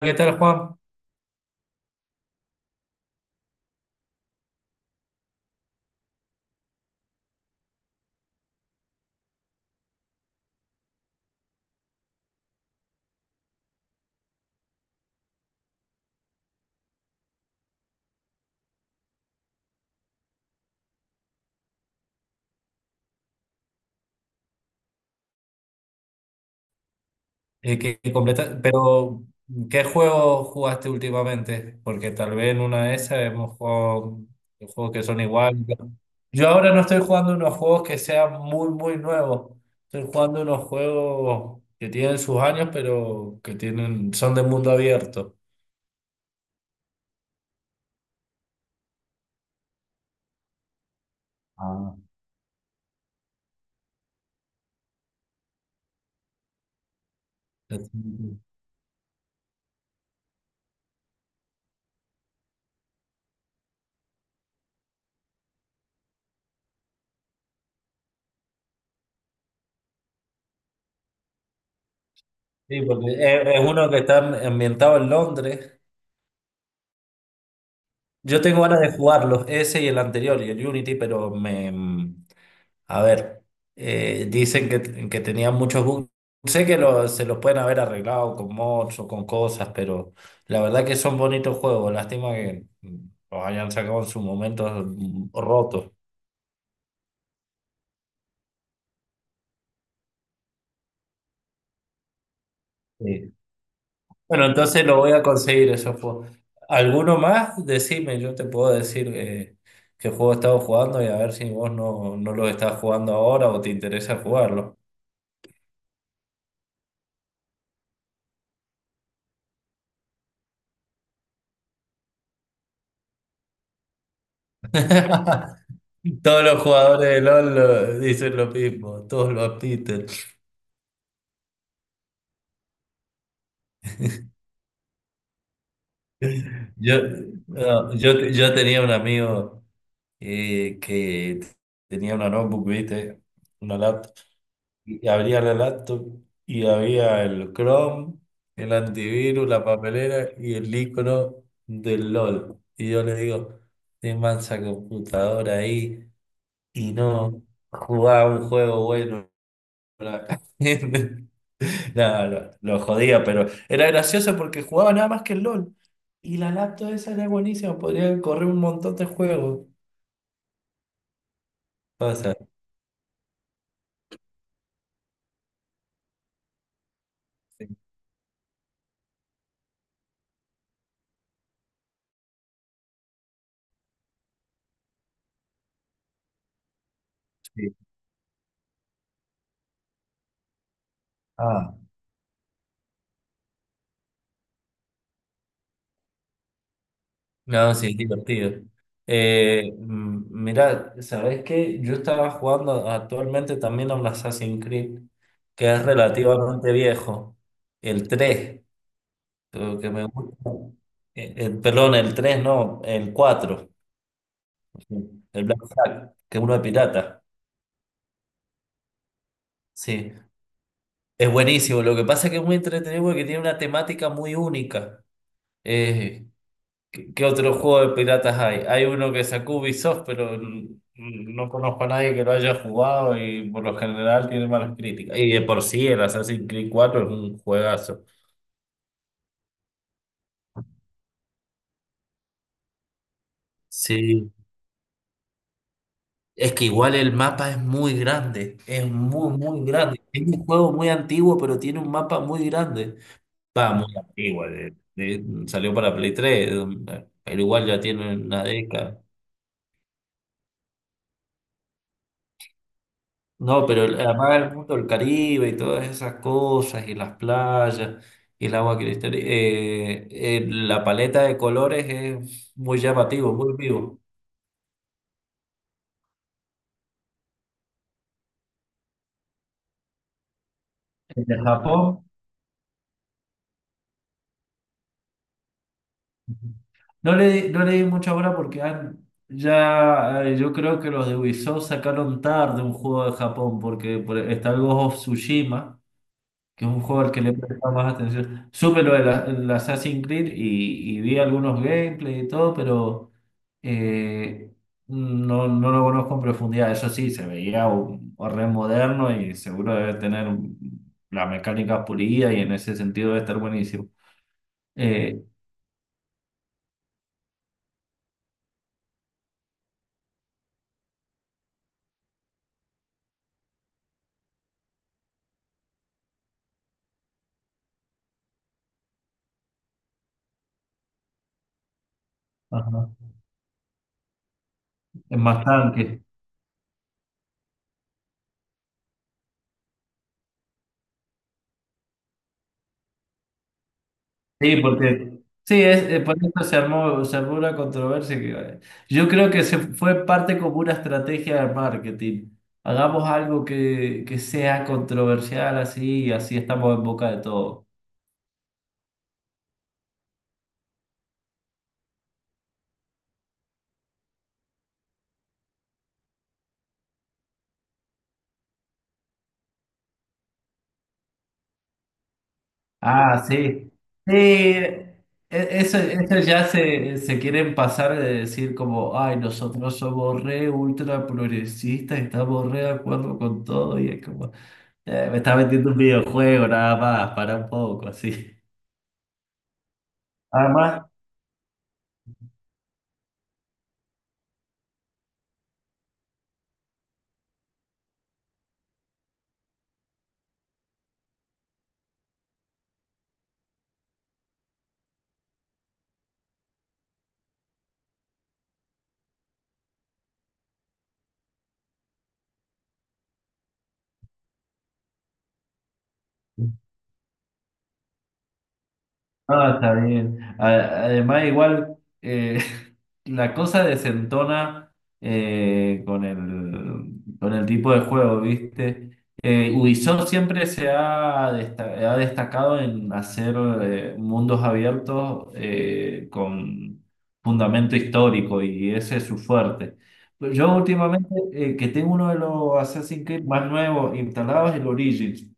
¿Qué tal, Juan? Pero, ¿qué juego jugaste últimamente? Porque tal vez en una de esas hemos jugado juegos que son iguales. Yo ahora no estoy jugando unos juegos que sean muy, muy nuevos. Estoy jugando unos juegos que tienen sus años, pero son de mundo abierto. Ah, sí, porque es uno que está ambientado en Londres. Yo tengo ganas de jugarlos, ese y el anterior, y el Unity, a ver, dicen que tenían muchos bugs. Sé que se los pueden haber arreglado con mods o con cosas, pero la verdad que son bonitos juegos. Lástima que los hayan sacado en su momento, rotos. Sí. Bueno, entonces lo voy a conseguir esos juegos. ¿Alguno más? Decime, yo te puedo decir qué juego he estado jugando y a ver si vos no los estás jugando ahora o te interesa jugarlo. Todos los jugadores de LOL dicen lo mismo, todos lo admiten. Yo, no, yo tenía un amigo que tenía una notebook, ¿viste? Una laptop. Y abría la laptop y había el Chrome, el antivirus, la papelera y el icono del LOL. Y yo le digo, de mansa computadora ahí y no jugaba un juego bueno. No, lo jodía, pero era gracioso porque jugaba nada más que el LOL. Y la laptop esa era buenísima, podría correr un montón de juegos. O sea, sí, sí. Ah, no, sí, es divertido. Mirá, ¿sabés qué? Yo estaba jugando actualmente también a un Assassin's Creed, que es relativamente viejo, el 3 lo que me gusta. Perdón, el 3 no, el cuatro, el Black Flag, que es uno de pirata. Sí. Es buenísimo. Lo que pasa es que es muy entretenido porque tiene una temática muy única. Eh, ¿qué otro juego de piratas hay? Hay uno que sacó Ubisoft, pero no conozco a nadie que lo haya jugado y por lo general tiene malas críticas. Y de por sí, el Assassin's Creed cuatro es un juegazo. Sí, es que igual el mapa es muy grande, es muy, muy grande. Es un juego muy antiguo, pero tiene un mapa muy grande. Va, muy antiguo, salió para Play 3, pero igual ya tiene una década. No, pero además el mundo del Caribe y todas esas cosas, y las playas, y el agua cristal, la paleta de colores es muy llamativo, muy vivo. El de Japón, no le di mucha hora porque ya, yo creo que los de Ubisoft sacaron tarde un juego de Japón, porque está el Ghost of Tsushima. Que es un juego al que le he prestado más atención. Supe lo de el Assassin's Creed y vi algunos gameplay y todo, pero eh, no, no lo conozco en profundidad. Eso sí, se veía un re moderno y seguro debe tener las mecánicas pulidas y en ese sentido debe estar buenísimo. Eh, ajá. Es más tanque. Sí, porque sí, por eso se armó una controversia que yo creo que se fue parte como una estrategia de marketing. Hagamos algo que sea controversial así y así estamos en boca de todo. Ah, sí. Sí, eso ya se quieren pasar de decir como, ay, nosotros somos re ultra progresistas, estamos re de acuerdo con todo y es como, Me está vendiendo un videojuego nada más, para un poco, así." Además, No, está bien. Además, igual, eh, la cosa desentona con el tipo de juego, ¿viste? Ubisoft siempre ha destacado en hacer mundos abiertos con fundamento histórico y ese es su fuerte. Yo últimamente, que tengo uno de los Assassin's Creed más nuevos instalados, el Origins,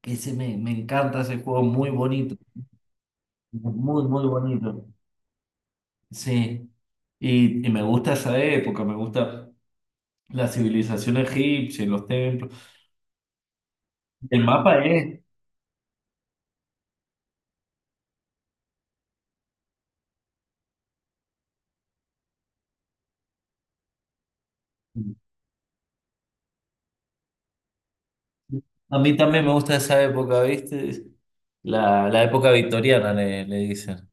que ese me encanta ese juego, muy bonito. Muy, muy bonito. Sí. Y me gusta esa época, me gusta la civilización egipcia, y los templos. El mapa es. A mí también me gusta esa época, ¿viste? La época victoriana, le dicen.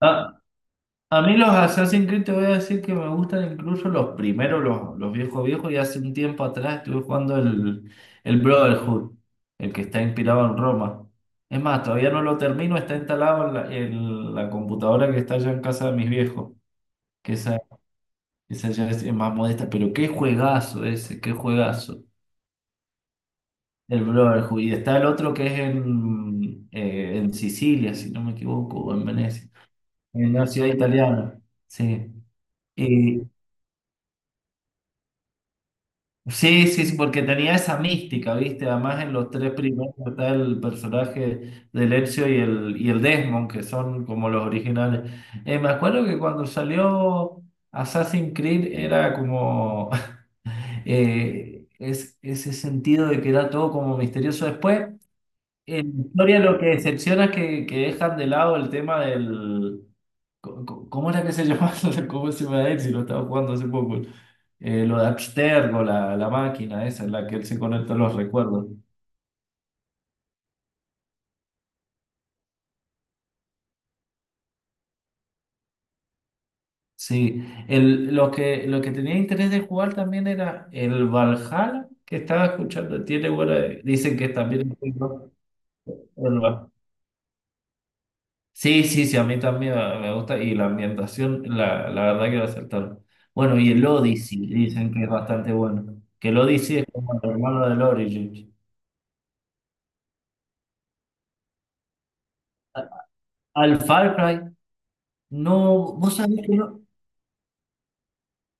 Ah, a mí los Assassin's Creed te voy a decir que me gustan incluso los primeros, los viejos viejos, y hace un tiempo atrás estuve jugando el Brotherhood, el que está inspirado en Roma. Es más, todavía no lo termino, está instalado en la computadora que está allá en casa de mis viejos, que esa ya es más modesta, pero qué juegazo ese, qué juegazo, el Brotherhood. Y está el otro que es en Sicilia, si no me equivoco, o en Venecia, en una ciudad italiana. Sí. Y, Sí, sí, sí, porque tenía esa mística, ¿viste? Además en los tres primeros está el personaje de Ezio y el Desmond, que son como los originales. Me acuerdo que cuando salió Assassin's Creed era como ese sentido de que era todo como misterioso. Después en historia lo que decepciona es que dejan de lado el tema del... ¿Cómo era que se llamaba? ¿Cómo se llama él si lo estaba jugando hace poco? Lo de Abstergo, la máquina esa en la que él se conecta a los recuerdos. Sí, lo que tenía interés de jugar también era el Valhalla, que estaba escuchando. Dicen que también es muy bueno. Sí, sí, sí, a mí también me gusta y la ambientación, la verdad que lo acertaron. Bueno, y el Odyssey, dicen que es bastante bueno. Que el Odyssey es como el hermano del Origin. Al Far Cry, no, vos sabés que no.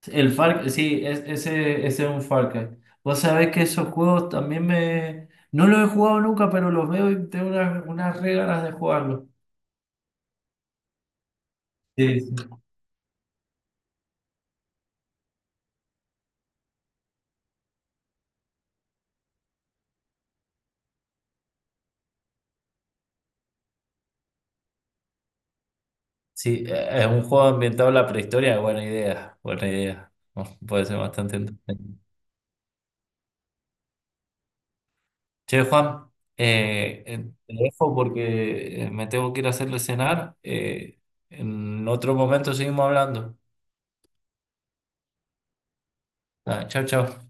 El Far, sí, ese es un Far Cry. Vos sabés que esos juegos también me... No los he jugado nunca, pero los veo y tengo unas re ganas de jugarlos. Sí, sí. Sí, es un juego ambientado en la prehistoria, buena idea, buena idea. Puede ser bastante entretenido. Che, Juan, eh, eh, te dejo porque me tengo que ir a hacerle cenar. En otro momento seguimos hablando. Ah, chao, chao.